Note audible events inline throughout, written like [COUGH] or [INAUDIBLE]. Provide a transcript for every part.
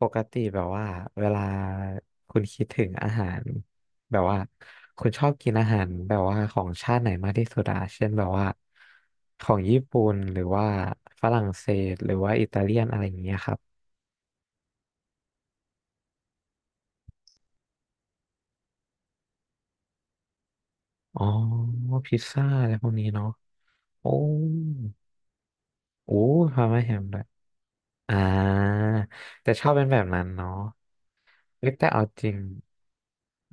ปกติแบบว่าเวลาคุณคิดถึงอาหารแบบว่าคุณชอบกินอาหารแบบว่าของชาติไหนมากที่สุดอะเช่นแบบว่าของญี่ปุ่นหรือว่าฝรั่งเศสหรือว่าอิตาเลียนอะไรอย่างเงี้ยครับอ๋อพิซซ่าอะไรพวกนี้เนาะโอ้โอ้พาร์มาแฮมด้วยอ่าแต่ชอบเป็นแบบนั้นเนาะ เอ้ยแต่เอาจริง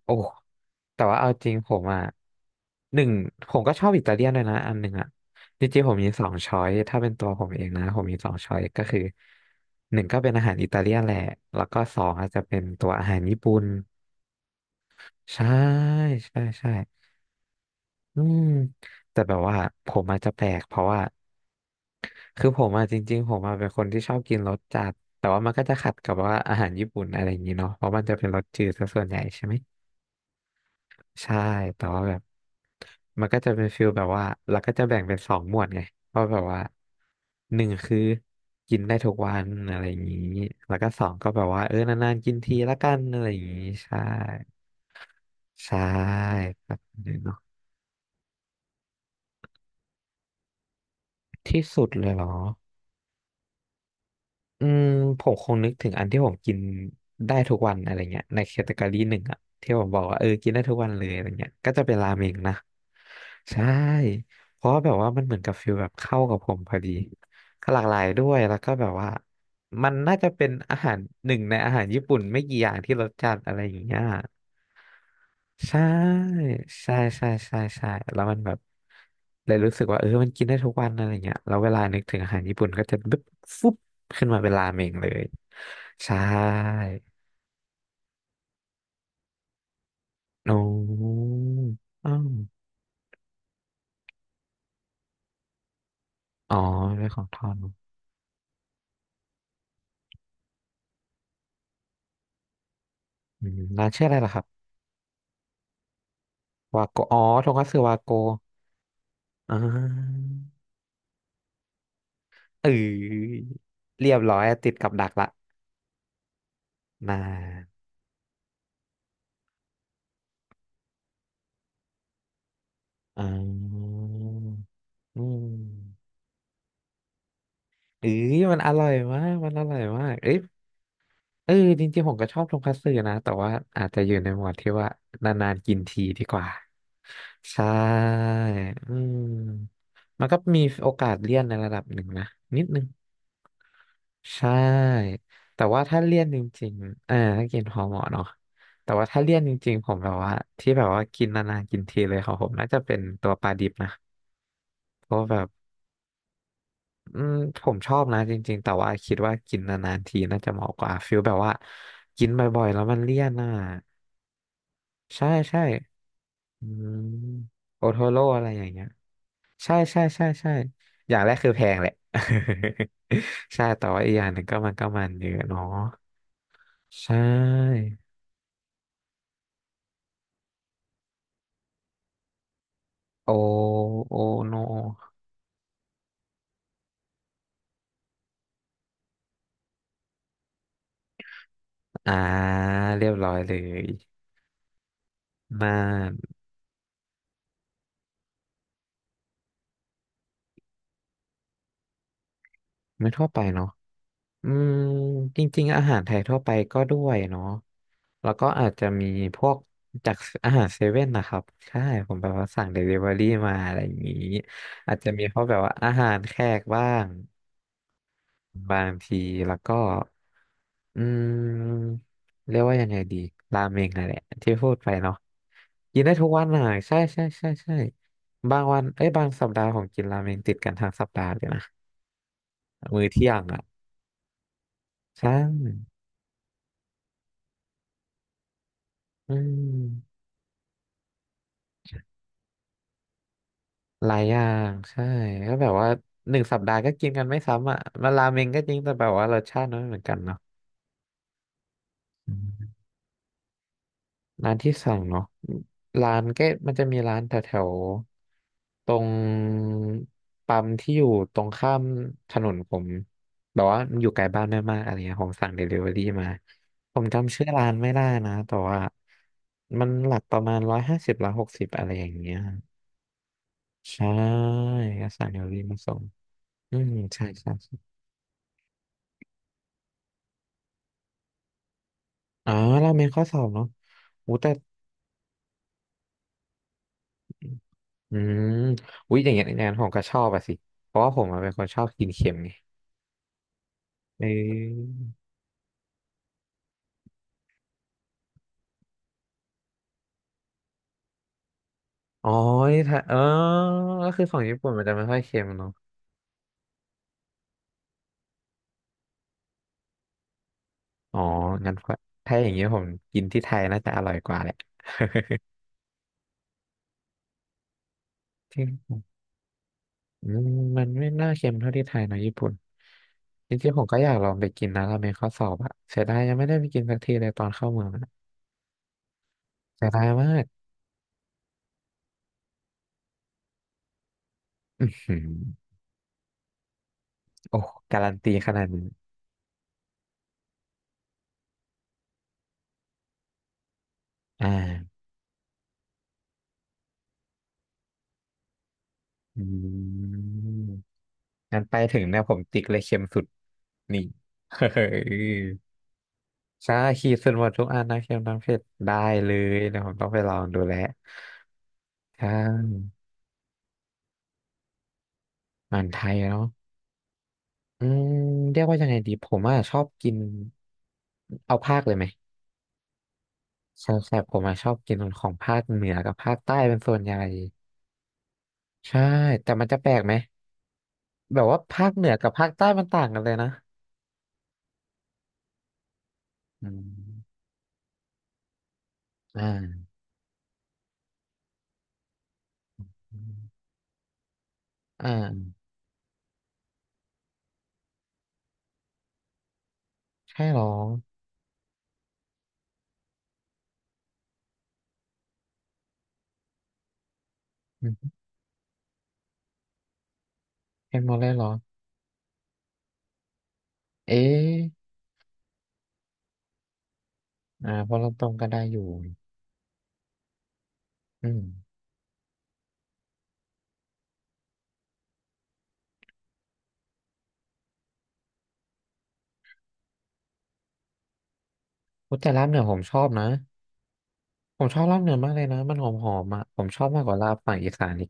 โอ้แต่ว่าเอาจริงผมอ่ะหนึ่งผมก็ชอบอิตาเลียนด้วยนะอันหนึ่งอ่ะจริงๆผมมีสองช้อยถ้าเป็นตัวผมเองนะผมมีสองช้อยก็คือหนึ่งก็เป็นอาหารอิตาเลียนแหละแล้วก็สองอาจจะเป็นตัวอาหารญี่ปุ่นใช่ใช่ใช่อืมแต่แบบว่าผมอาจจะแปลกเพราะว่าคือผมอะจริงๆผมอะเป็นคนที่ชอบกินรสจัดแต่ว่ามันก็จะขัดกับว่าอาหารญี่ปุ่นอะไรอย่างนี้เนาะเพราะมันจะเป็นรสจืดซะส่วนใหญ่ใช่ไหม ใช่แต่ว่าแบบมันก็จะเป็นฟิลแบบว่าเราก็จะแบ่งเป็นสองหมวดไงเพราะแบบว่าหนึ่งคือกินได้ทุกวันอะไรอย่างนี้ แล้วก็สองก็แบบว่าเออนานๆกินทีละกันอะไรอย่างนี้ ใช่ ใช่ครับเนาะที่สุดเลยเหรอ อืมผมคงนึกถึงอันที่ผมกินได้ทุกวันอะไรเงี้ยในแคตตากรีหนึ่งอะที่ผมบอกว่าเออกินได้ทุกวันเลยอะไรเงี้ยก็จะเป็นราเมงนะใช่เพราะว่าแบบว่ามันเหมือนกับฟิลแบบเข้ากับผมพอดีก็หลากหลายด้วยแล้วก็แบบว่ามันน่าจะเป็นอาหารหนึ่งในอาหารญี่ปุ่นไม่กี่อย่างที่รสจัดอะไรอย่างเงี้ย ใช่ใช่ใช่ใช่ใช่แล้วมันแบบเลยรู้สึกว่าเออมันกินได้ทุกวันอะไรเงี้ยแล้วเวลานึกถึงอาหารญี่ปุ่นก็จะบึ๊บฟุบขึ้นมาเป็นราเมงเลยใช่โอ้อ้าวอ๋อเป็นของทอดเนอะอืมร้านชื่ออะไรล่ะครับวาโกอ๋อโทงคัตสึวาโกอ่าเออเรียบร้อยติดกับดักละน่าอ่าอืมเอ้ยมันอร่อยมากมันอร่อยมากเอ้ย เออจริงๆผมก็ชอบทงคัตสึนะแต่ว่าอาจจะอยู่ในหมวดที่ว่านานๆกินทีดีกว่าใช่อืมมันก็มีโอกาสเลี่ยนในระดับหนึ่งนะนิดนึงใช่แต่ว่าถ้าเลี่ยนจริงๆเออถ้ากินพอเหมาะเนาะแต่ว่าถ้าเลี่ยนจริงๆผมแบบว่าที่แบบว่ากินนานๆกินทีเลยของผมน่าจะเป็นตัวปลาดิบนะเพราะว่าแบบอืมผมชอบนะจริงๆแต่ว่าคิดว่ากินนานๆทีน่าจะเหมาะกว่าฟิลแบบว่ากินบ่อยๆแล้วมันเลี่ยนอ่ะ ใช่ใช่อืมโอโทโร่อะไรอย่างเงี้ยใช่ใช่ใช่ใช่อย่างแรกคือแพงแหละ [LAUGHS] ใช่แต่ว่าอีกอย่างหนึ่งก็มันก็มันเยอะเนาะใช่โอโอโนอ่าเรียบร้อยเลยน่านไม่ทั่วไปเนาะอืมจริงๆอาหารไทยทั่วไปก็ด้วยเนาะ แล้วก็อาจจะมีพวกจากอาหารเซเว่นนะครับ ใช่ ผมแบบว่าสั่งเดลิเวอรี่มาอะไรอย่างนี้ อาจจะมีพวกแบบว่าอาหารแขกบ้าง บางทีแล้วก็อืมเรียกว่ายังไงดีราเมงนั่นแหละที่พูดไปเนาะกินได้ทุกวันน่ะใช่ใช่ใช่ใช่บางวัน เอ้ยบางสัปดาห์ผมกินราเมงติดกันทั้งสัปดาห์เลยนะ มื้อเที่ยงอ่ะใช่อืม หลายอย่างใช่ก็แบบว่าหนึ่งสัปดาห์ก็กินกันไม่ซ้ำอ่ะมาราเมงก็จริงแต่แบบว่ารสชาติมันไม่เหมือนกันเนาะอืมร้านที่สั่งเนาะร้านก็มันจะมีร้านแถวแถวตรงปั๊มที่อยู่ตรงข้ามถนนผมแบบว่ามันอยู่ไกลบ้านแม่มากอะไรเงี้ยผมสั่งเดลิเวอรี่มาผมจำชื่อร้านไม่ได้นะแต่ว่ามันหลักประมาณ150160อะไรอย่างเงี้ยใช่ก็สั่งเดลิเวอรี่มาส่งอืมใช่ใช่ อ๋อราเมนข้อสอบเนาะอู้แต่อืมอุ้ยอย่างเงี้ยงานผมก็ชอบอะสิเพราะว่าผมอะเป็นคนชอบกินเค็มไงเอออ๋อนี่ถ้าเออก็คือของญี่ปุ่นมันจะไม่ค่อยเค็มเนาะอ๋องั้นก็ถ้าอย่างเงี้ยผมกินที่ไทยน่าจะอร่อยกว่าแหละ [LAUGHS] ที่อืมมันไม่น่าเค็มเท่าที่ไทยเนาะญี่ปุ่นจริงๆผมก็อยากลองไปกินนะราเมนข้อสอบอะเสียดายยังไม่ได้ไปกินสักทีเลยตอนเข้าเมืองอะเสียดายมากอืมโอ้การันตีขนาดนี้อ่า อืมงั้นไปถึงเนี่ยผมติ๊กเลยเค็มสุดนี่ [LAUGHS] เฮ้ยใช่ขีดส่วนหมดทุกอันนะเค็มน้ำเผ็ดได้เลยเดี๋ยวผมต้องไปลองดูแลวใช่อาหารไทยเนาะอืมเรียกว่ายังไงดีผมอ่ะชอบกินเอาภาคเลยไหมใช่ผมอ่ะชอบกินของภาคเหนือกับภาคใต้เป็นส่วนใหญ่ใช่แต่มันจะแปลกไหมแบบว่าภาคเหนือกับภาคใต้มันต่างกันเลยนะอืมอ่าอ่าใช่หรอ เคนโบเล่เหรอเอ๊ะอ่าพอลงตรงก็ได้อยู่อืมพูดแต่ลาบเหนือผมชอบนะผมชอบลาบเหนือมากเลยนะมันหอมหอมอ่ะผมชอบมากกว่าลาบฝั่งอีสานอีก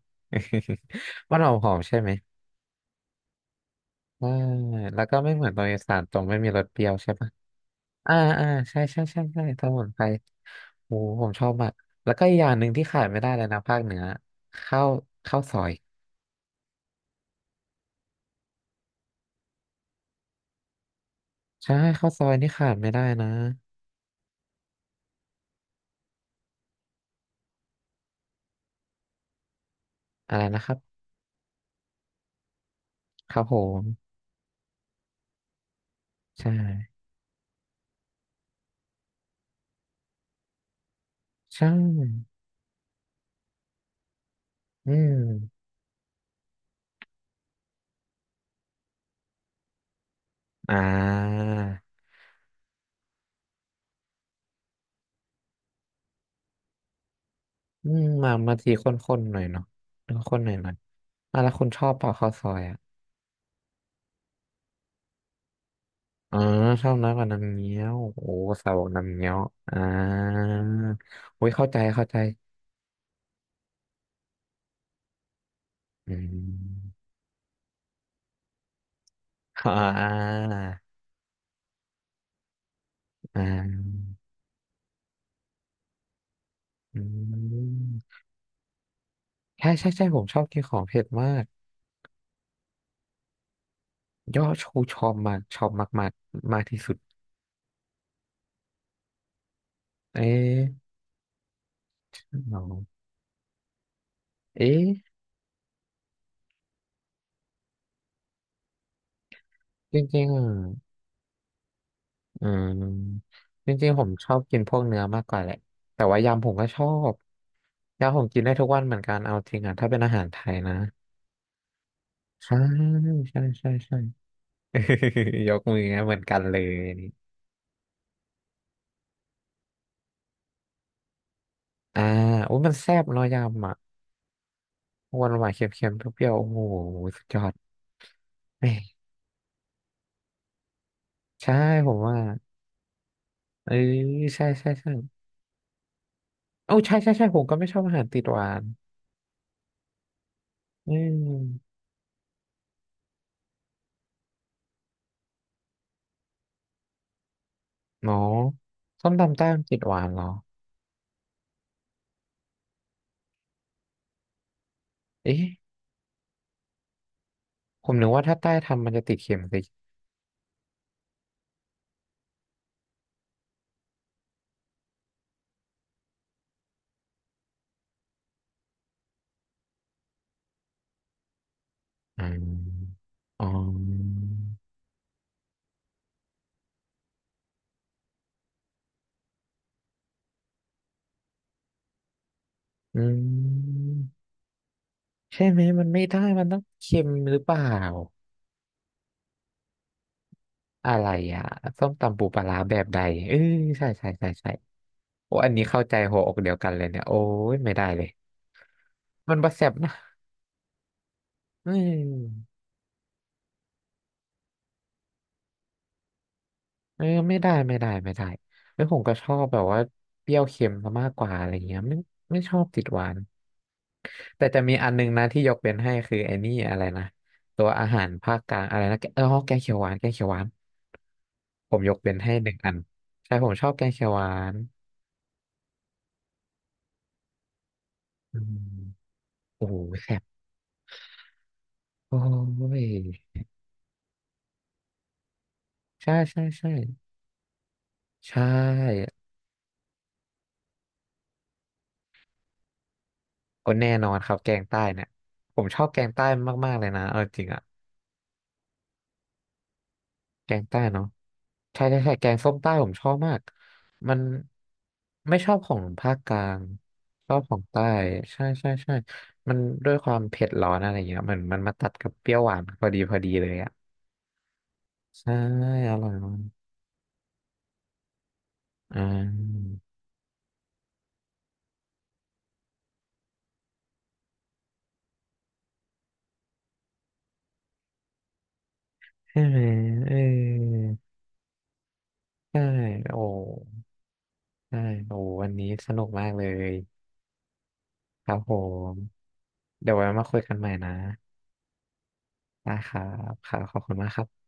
[LAUGHS] มันหอมหอมใช่ไหมใช่แล้วก็ไม่เหมือนตรงอีสานตรงไม่มีรสเปรี้ยวใช่ปะอ่าอ่าใช่สมุนไพรโอ้ผมชอบมากแล้วก็อีกอย่างหนึ่งที่ขาดไม่ได้เลยนะภาคเหนือข้าวข้าวซอยใช่ข้าวซอยนี่ขาดไม่ได้นะอะไรนะครับครับผมใช่ใช่อืม อ่าอืมมาทีข้นๆหน่อยเนาะข้นๆหน่อยอ่ะแล้วคุณชอบเปล่าข้าวซอยอ่ะอ๋อชอบน้ำกว่าน้ำเงี้ยวโอ้สาวกน้ำเงี้ยวอ่าโอ้ยเข้าใจเข้าใจอืมอ่าอ่าอ่าอืมใช่ผมชอบกินของเผ็ดมากยอดชูชอบมากชอบมากมากมากที่สุดเอ๊ะหรอเอ๊ะจริงๆอ่ะ อืมจริงๆผมชอบกินพวกเนื้อมากกว่าแหละแต่ว่ายำผมก็ชอบยำผมกินได้ทุกวันเหมือนกันเอาจริงอ่ะถ้าเป็นอาหารไทยนะใช่ใช่ [LAUGHS] ยกมือเหมือนกันเลยนี่อ่าอุ้ยมันแซ่บเนอะยำอ่ะหวานหวานเค็มๆเปรี้ยวๆโอ้โหสุดยอดแม่ใช่ผมว่าเออใช่โอ้าใช่ผมก็ไม่ชอบอาหารติดหวานอืมเนาะส้มตำแต้มติดหวานเหรอเอ๊ะ ผมนึกว่าถ้าใต้ทำมันจะติดเข็มสิอืมอ๋ออืมใช่ไหมมันไม่ได้มันต้องเค็มหรือเปล่าอะไรอ่ะส้มตำปูปลาร้าแบบใดเออใช่โอ้อันนี้เข้าใจหัวอกเดียวกันเลยเนี่ยโอ้ยไม่ได้เลยมันบะแสบนะเออเออไม่ได้แล้วผมก็ชอบแบบว่าเปรี้ยวเค็มซะมากกว่าอะไรเงี้ยไม่ชอบติดหวาน แต่จะมีอันหนึงนะที่ยกเป็นให้คือไอ้นี่อะไรนะตัวอาหารภาคกลางอะไรนะแกเออแกงเขียวหวานแกงเขียวหวานผมยกเป็นให้หนึ่งอันใช่ผมชอบแกงเขียวหวานอืมโอ้โหแซ่บโอ้ยใช่ใช่ใช่ใช่โอ้แน่นอนครับแกงใต้เนี่ยผมชอบแกงใต้มากๆเลยนะเอาจริงอะ แกงใต้เนาะใช่แกงส้มใต้ผมชอบมากมันไม่ชอบของภาคกลางชอบของใต้ใช่มันด้วยความเผ็ดร้อนอะไรเงี้ยเหมือนมันมาตัดกับเปรี้ยวหวานพอดีพอดีเลยอ่ะใช่อร่อยมากอ่าใช่ไหมเออใช่โอ้ใช่โอ้วันนี้สนุกมากเลยครับผมเดี๋ยวไว้มาคุยกันใหม่นะได้ครับครับขอบคุณมากครับ